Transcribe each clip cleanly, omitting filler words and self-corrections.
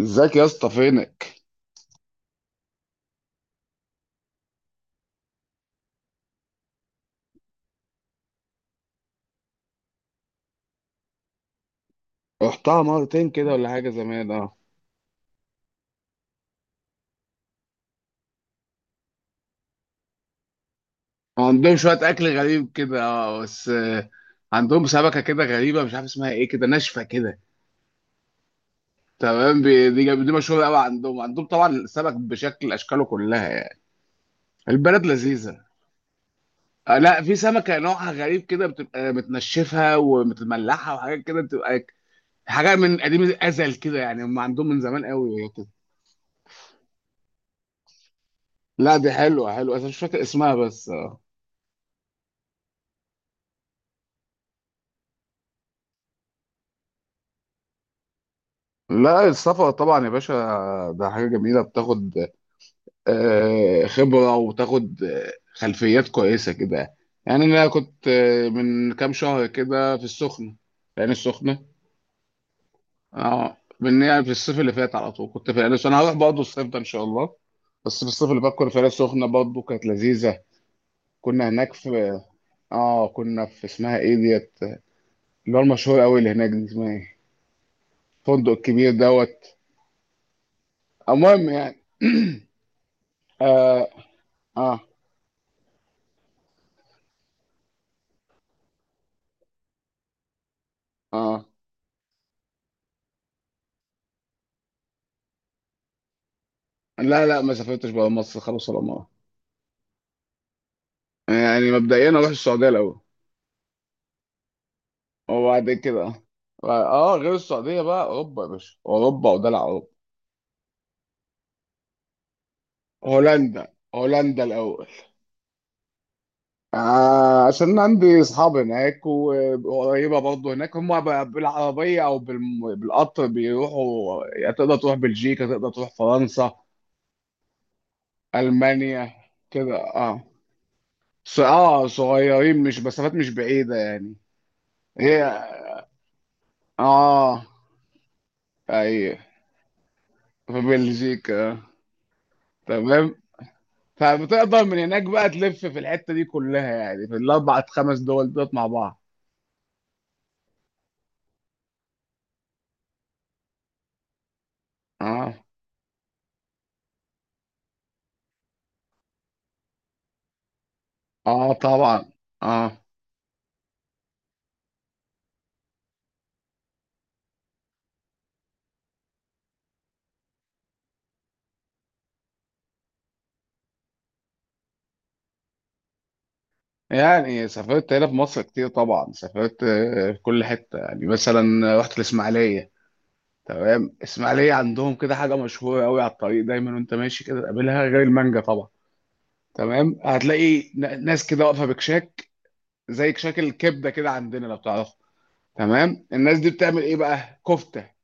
ازيك يا اسطى؟ فينك؟ رحتها مرتين كده ولا حاجه، زمان. اه. عندهم شويه اكل غريب كده، اه، بس. عندهم سمكه كده غريبه، مش عارف اسمها ايه، كده ناشفه كده. تمام. دي مشهوره قوي عندهم طبعا السمك بشكل، اشكاله كلها يعني. البلد لذيذه. لا، في سمكه نوعها غريب كده، بتبقى متنشفه ومتملحه وحاجات كده، بتبقى حاجه من قديم الازل كده، يعني هم عندهم من زمان قوي كده. لا دي حلوه حلوه، انا مش فاكر اسمها بس. اه. لا، السفر طبعا يا باشا، ده حاجة جميلة، بتاخد خبرة، وبتاخد خلفيات كويسة كده. يعني أنا كنت من كام شهر كده في السخنة، في العين السخنة. اه، من يعني في الصيف اللي فات على طول كنت في العين السخنة. أنا هروح برضه الصيف ده إن شاء الله، بس في الصيف اللي فات كنا في العين السخنة برضه، كانت لذيذة. كنا هناك في، اه كنا في اسمها ايه ديت، اللي هو المشهور قوي اللي هناك، دي اسمها ايه، الفندق الكبير دوت. المهم يعني. اه. اه, آه. لا لا، ما سافرتش بقى مصر خلاص ولا مرة. يعني مبدئيا اروح السعودية الاول، وبعد كده، اه، غير السعودية بقى اوروبا يا باشا، اوروبا ودلع اوروبا. هولندا هولندا الاول. آه، عشان عندي اصحاب هناك، وقريبه برضه هناك، هم بالعربيه او بالقطر بيروحوا يعني، تقدر تروح بلجيكا، تقدر تروح فرنسا، المانيا كده. اه. اه صغيرين، مش مسافات مش بعيده يعني. هي، اه، اي، في بلجيكا. تمام. فبتقدر من هناك بقى تلف في الحتة دي كلها يعني، في الأربع خمس دول دول مع بعض. اه، اه طبعا، اه. يعني سافرت هنا في مصر كتير طبعا، سافرت في كل حتة يعني، مثلا رحت الإسماعيلية. تمام. الإسماعيلية عندهم كده حاجة مشهورة قوي على الطريق دايما، وأنت ماشي كده تقابلها، غير المانجا طبعا. تمام. هتلاقي ناس كده واقفة بكشاك، زي كشاك الكبدة كده عندنا، لو تعرفه. تمام. الناس دي بتعمل إيه بقى؟ كفتة.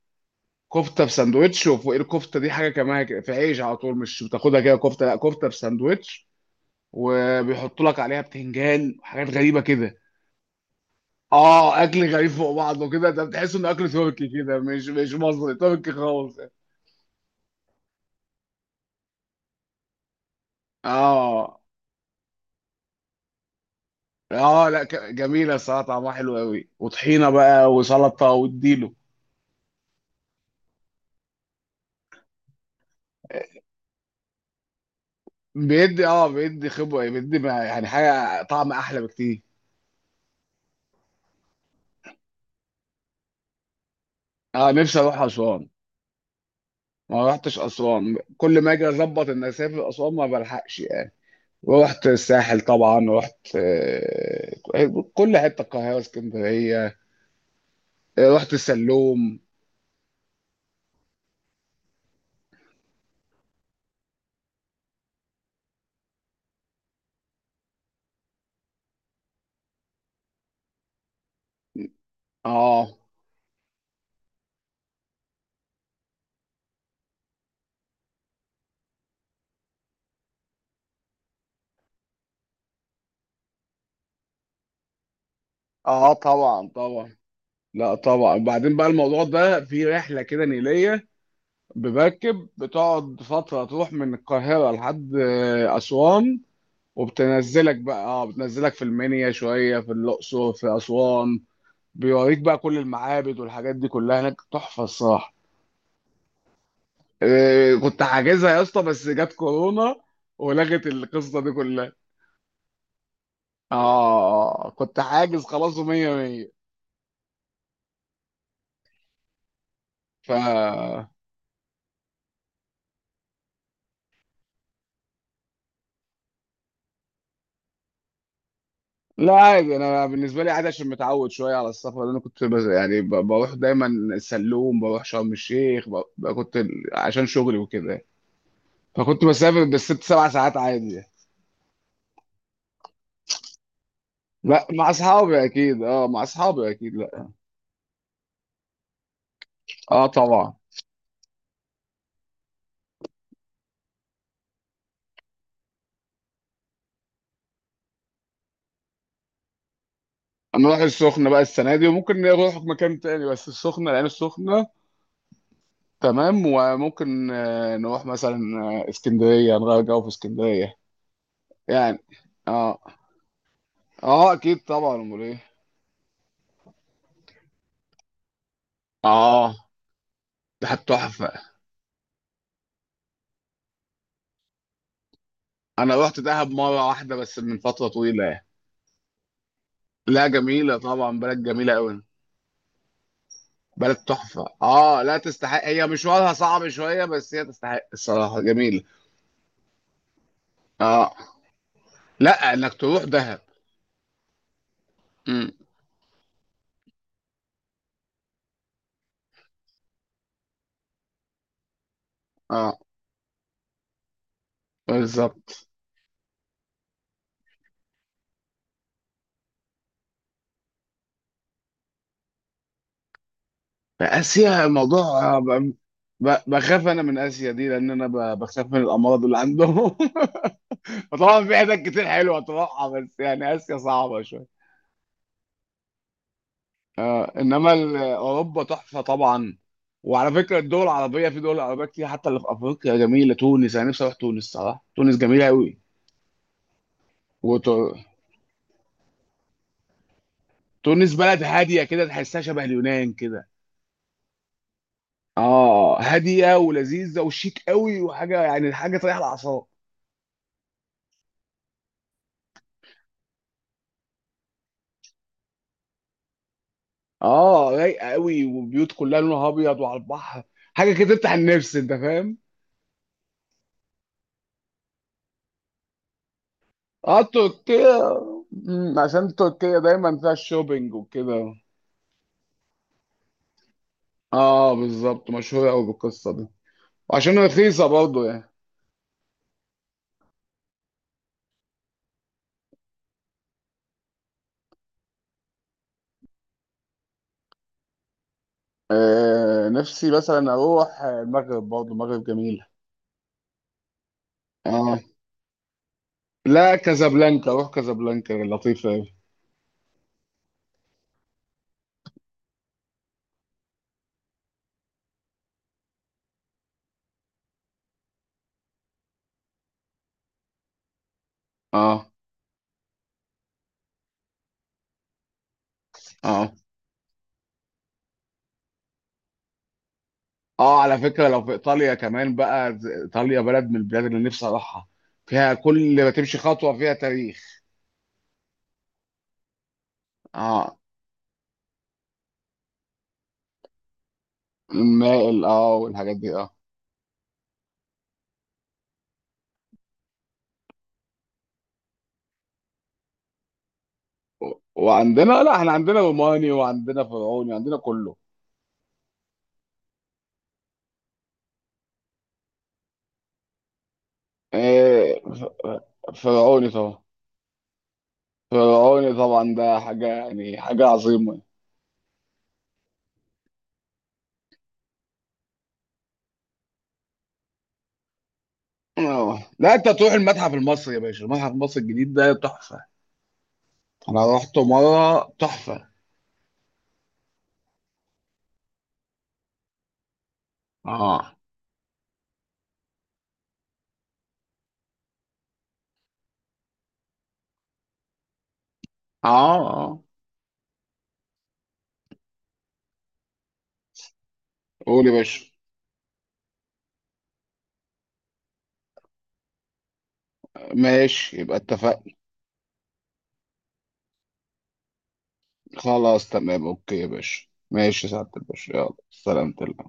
كفته في ساندوتش، وفوق الكفته دي حاجه كمان كده، في عيش على طول، مش بتاخدها كده كفته، لا كفته في ساندوتش. وبيحطوا لك عليها بتنجان وحاجات غريبه كده. اه، اكل غريب فوق بعضه كده، ده بتحس انه اكل تركي كده، مش مصري، تركي خالص. اه. اه لا، جميله الصراحه، طعمها حلو قوي، وطحينه بقى وسلطه واديله. بيدي، اه بيدي خبره بيدي يعني حاجه طعم احلى بكتير. اه، نفسي اروح اسوان. ما رحتش اسوان، كل ما اجي اظبط ان اسافر اسوان ما بلحقش. ورحت الساحل طبعا، رحت كل حته، القاهره، اسكندريه. رحت السلوم. اه، اه طبعا طبعا. لا طبعا. بعدين بقى الموضوع ده في رحله كده نيليه، بمركب، بتقعد فتره تروح من القاهره لحد اسوان. وبتنزلك بقى، اه بتنزلك في المنيا شويه، في الاقصر، في اسوان. بيوريك بقى كل المعابد والحاجات دي كلها هناك، تحفه الصراحه. إيه، كنت حاجزها يا اسطى بس جت كورونا، ولغت القصه دي كلها. اه، كنت حاجز خلاص ومية مية. ف لا عادي، انا بالنسبه لي عادي، عشان متعود شويه على السفر، لأن انا كنت بز... يعني ب... بروح دايما السلوم، بروح شرم الشيخ كنت عشان شغلي وكده يعني. فكنت بسافر بالـ6 7 ساعات عادي يعني. لا مع اصحابي اكيد. اه مع اصحابي اكيد لا. اه طبعا. نروح السخنه بقى السنه دي، وممكن نروح مكان تاني، بس السخنه، لان السخنه تمام. وممكن نروح مثلا اسكندرية، نغير جو في اسكندرية يعني. اه اه اكيد طبعا، امال ايه. اه. ده تحفة. انا رحت دهب مرة واحدة بس، من فترة طويلة يعني. لا جميلة طبعا، بلد جميلة قوي. بلد تحفة اه. لا تستحق، هي مشوارها صعب شوية، بس هي تستحق الصراحة، جميلة. اه. لا انك تروح دهب. امم. اه بالظبط. اسيا الموضوع، آه، ب- بخاف انا من اسيا دي، لان انا بخاف من الامراض اللي عندهم. فطبعا في حتت كتير حلوه تروحها، بس يعني اسيا صعبه شويه. آه، انما اوروبا تحفه طبعا. وعلى فكره الدول العربيه، في دول عربيه كتير حتى اللي في افريقيا جميله، تونس، انا نفسي اروح تونس صراحه، تونس جميله قوي. وتونس بلد هاديه كده، تحسها شبه اليونان كده. اه، هاديه ولذيذه وشيك قوي، وحاجه يعني حاجه تريح الاعصاب. اه، رايقه قوي، وبيوت كلها لونها ابيض، وعلى البحر، حاجه كده تفتح النفس انت فاهم. اه، تركيا. عشان تركيا دايما فيها الشوبينج وكده. اه بالظبط، مشهوره قوي بالقصه دي، وعشان رخيصه برضه يعني. آه، نفسي مثلا اروح المغرب، برضه المغرب جميله. اه لا، كازابلانكا، روح كازابلانكا لطيفه قوي. اه اه اه. على فكره لو في ايطاليا كمان بقى، ايطاليا بلد من البلاد اللي نفسي اروحها، فيها كل ما تمشي خطوه فيها تاريخ. اه، المائل اه، والحاجات دي اه. وعندنا، لا احنا عندنا روماني وعندنا فرعوني، عندنا كله. إيه، فرعوني طبعا. فرعوني طبعا، ده حاجة يعني حاجة عظيمة. اه لا، انت تروح المتحف المصري يا باشا، المتحف المصري الجديد ده تحفة. انا رحته مرة، تحفة. اه اه اه. قول يا باشا. ماشي، يبقى اتفقنا. خلاص تمام، اوكي يا باشا، ماشي يا سعادة الباشا، يلا سلامتك.